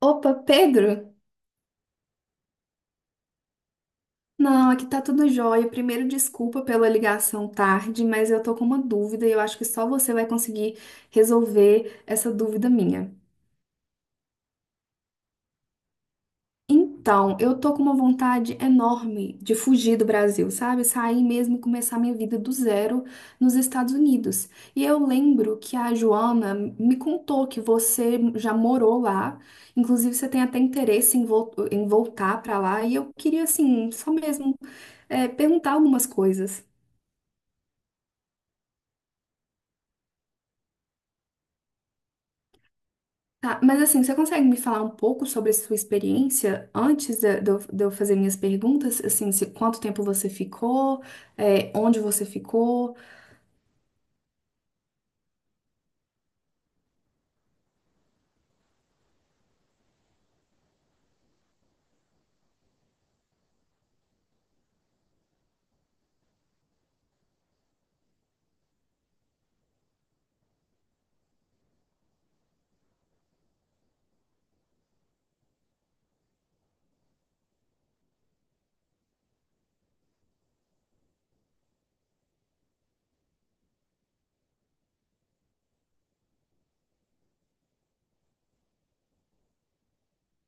Opa, Pedro? Não, aqui tá tudo jóia. Primeiro, desculpa pela ligação tarde, mas eu tô com uma dúvida e eu acho que só você vai conseguir resolver essa dúvida minha. Então, eu tô com uma vontade enorme de fugir do Brasil, sabe? Sair mesmo e começar minha vida do zero nos Estados Unidos. E eu lembro que a Joana me contou que você já morou lá, inclusive você tem até interesse em, em voltar pra lá, e eu queria, assim, só mesmo perguntar algumas coisas. Tá, mas assim, você consegue me falar um pouco sobre a sua experiência antes de eu fazer minhas perguntas? Assim, se, quanto tempo você ficou, onde você ficou?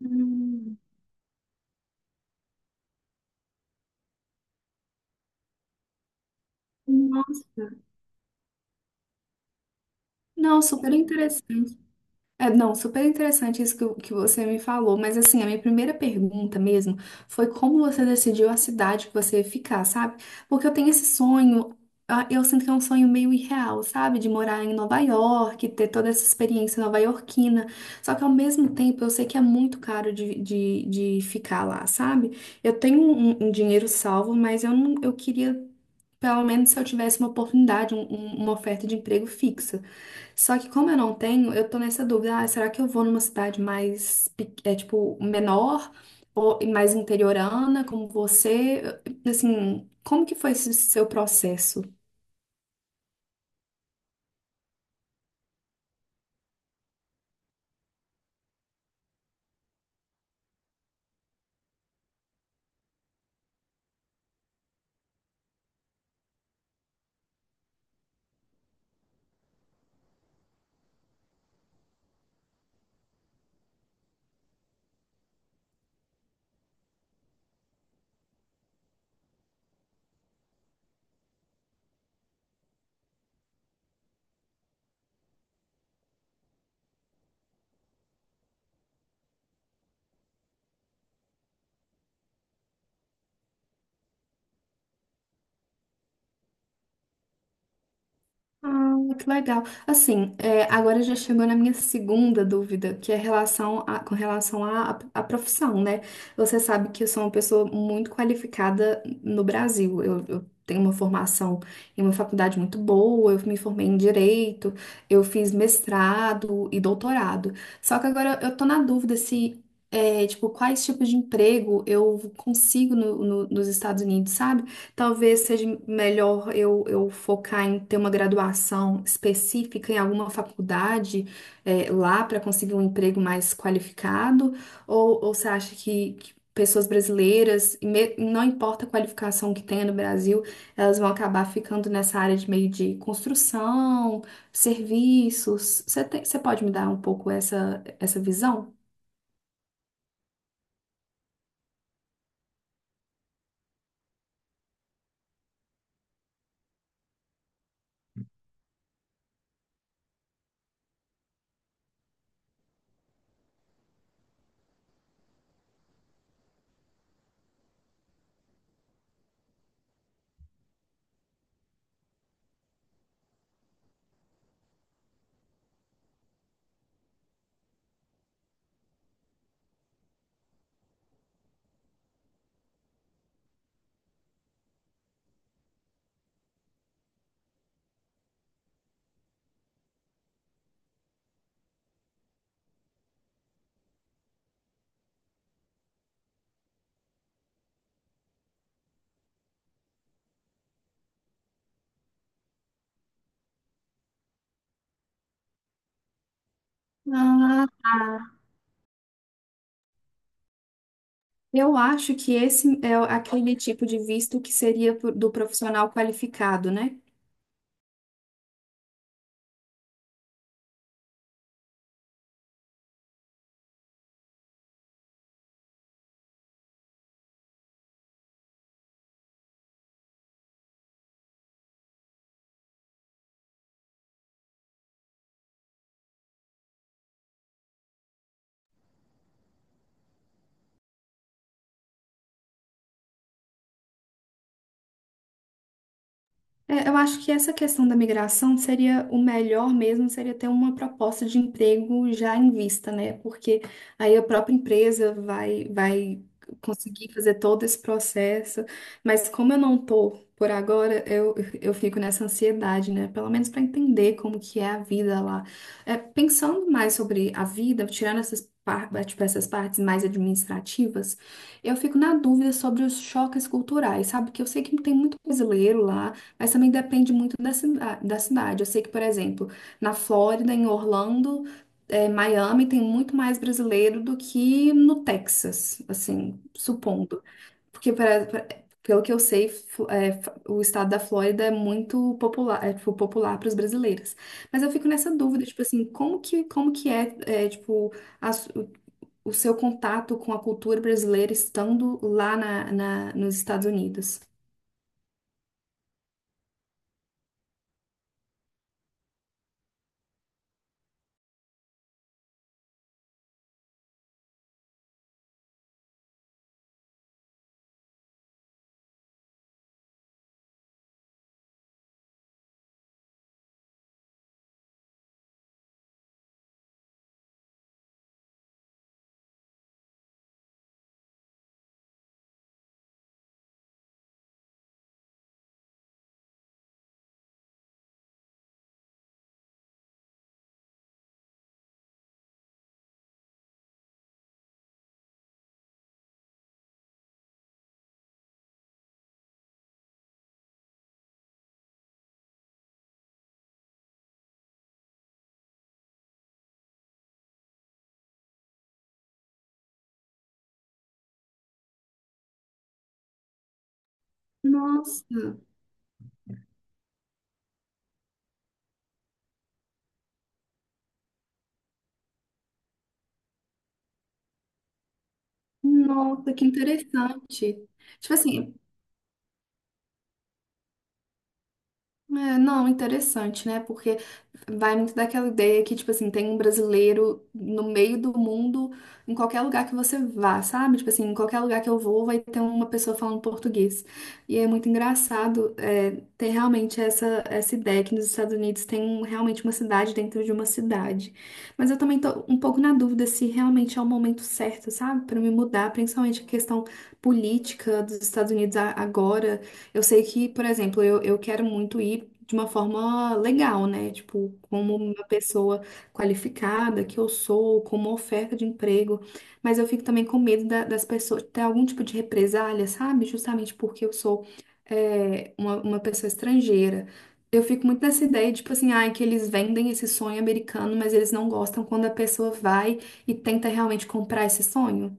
Hum. Nossa, não, super interessante. É, não, super interessante isso que, que você me falou, mas assim, a minha primeira pergunta mesmo foi como você decidiu a cidade que você ia ficar, sabe? Porque eu tenho esse sonho, ah, eu sinto que é um sonho meio irreal, sabe? De morar em Nova York, ter toda essa experiência nova-iorquina, só que ao mesmo tempo eu sei que é muito caro de ficar lá, sabe? Eu tenho um dinheiro salvo, mas eu não, eu queria. Pelo menos se eu tivesse uma oportunidade, uma oferta de emprego fixa. Só que como eu não tenho, eu tô nessa dúvida, ah, será que eu vou numa cidade mais, tipo, menor ou mais interiorana, como você? Assim, como que foi esse seu processo? Ah, que legal. Assim, é, agora já chegou na minha segunda dúvida, que é relação com relação à profissão, né? Você sabe que eu sou uma pessoa muito qualificada no Brasil. Eu tenho uma formação em uma faculdade muito boa, eu me formei em direito, eu fiz mestrado e doutorado. Só que agora eu tô na dúvida se, é, tipo, quais tipos de emprego eu consigo nos Estados Unidos, sabe? Talvez seja melhor eu focar em ter uma graduação específica em alguma faculdade lá para conseguir um emprego mais qualificado? Ou você acha que pessoas brasileiras, não importa a qualificação que tenha no Brasil, elas vão acabar ficando nessa área de meio de construção, serviços? Você pode me dar um pouco essa, essa visão? Ah, tá. Eu acho que esse é aquele tipo de visto que seria do profissional qualificado, né? É, eu acho que essa questão da migração seria o melhor mesmo, seria ter uma proposta de emprego já em vista, né? Porque aí a própria empresa vai conseguir fazer todo esse processo. Mas como eu não tô por agora, eu fico nessa ansiedade, né? Pelo menos para entender como que é a vida lá. É, pensando mais sobre a vida, tirando essas, tipo, essas partes mais administrativas, eu fico na dúvida sobre os choques culturais, sabe? Que eu sei que tem muito brasileiro lá. Mas também depende muito da, da cidade. Eu sei que, por exemplo, na Flórida, em Orlando, Miami, tem muito mais brasileiro do que no Texas, assim, supondo. Porque, pelo que eu sei, o estado da Flórida é muito popular, é, tipo, popular para os brasileiros. Mas eu fico nessa dúvida, tipo assim, como que é, eh, tipo, a su- o seu contato com a cultura brasileira estando lá na, nos Estados Unidos? Nossa. Nossa, que interessante. Tipo assim, é, não, interessante, né? Porque vai muito daquela ideia que, tipo assim, tem um brasileiro no meio do mundo, em qualquer lugar que você vá, sabe? Tipo assim, em qualquer lugar que eu vou, vai ter uma pessoa falando português. E é muito engraçado, é, ter realmente essa, essa ideia que nos Estados Unidos tem realmente uma cidade dentro de uma cidade. Mas eu também tô um pouco na dúvida se realmente é o momento certo, sabe? Para me mudar, principalmente a questão política dos Estados Unidos agora. Eu sei que, por exemplo, eu quero muito ir de uma forma legal, né? Tipo, como uma pessoa qualificada que eu sou, como oferta de emprego. Mas eu fico também com medo das pessoas ter algum tipo de represália, sabe? Justamente porque eu sou, é, uma pessoa estrangeira. Eu fico muito nessa ideia, tipo assim, ai, que eles vendem esse sonho americano, mas eles não gostam quando a pessoa vai e tenta realmente comprar esse sonho.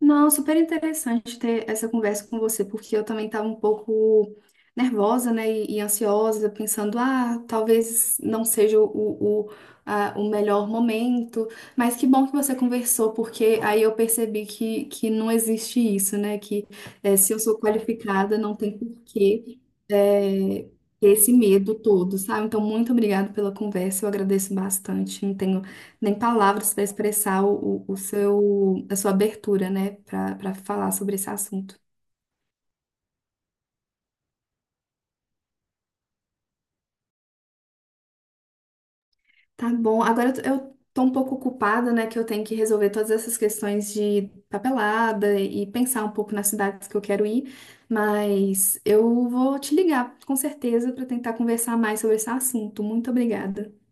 Não, super interessante ter essa conversa com você, porque eu também estava um pouco nervosa, né, e ansiosa, pensando, ah, talvez não seja o melhor momento, mas que bom que você conversou, porque aí eu percebi que não existe isso, né, que eh, se eu sou qualificada, não tem porquê eh, ter esse medo todo, sabe? Então, muito obrigada pela conversa, eu agradeço bastante, não tenho nem palavras para expressar o seu, a sua abertura, né, para para falar sobre esse assunto. Tá bom, agora eu tô um pouco ocupada, né, que eu tenho que resolver todas essas questões de papelada e pensar um pouco nas cidades que eu quero ir, mas eu vou te ligar, com certeza, para tentar conversar mais sobre esse assunto. Muito obrigada.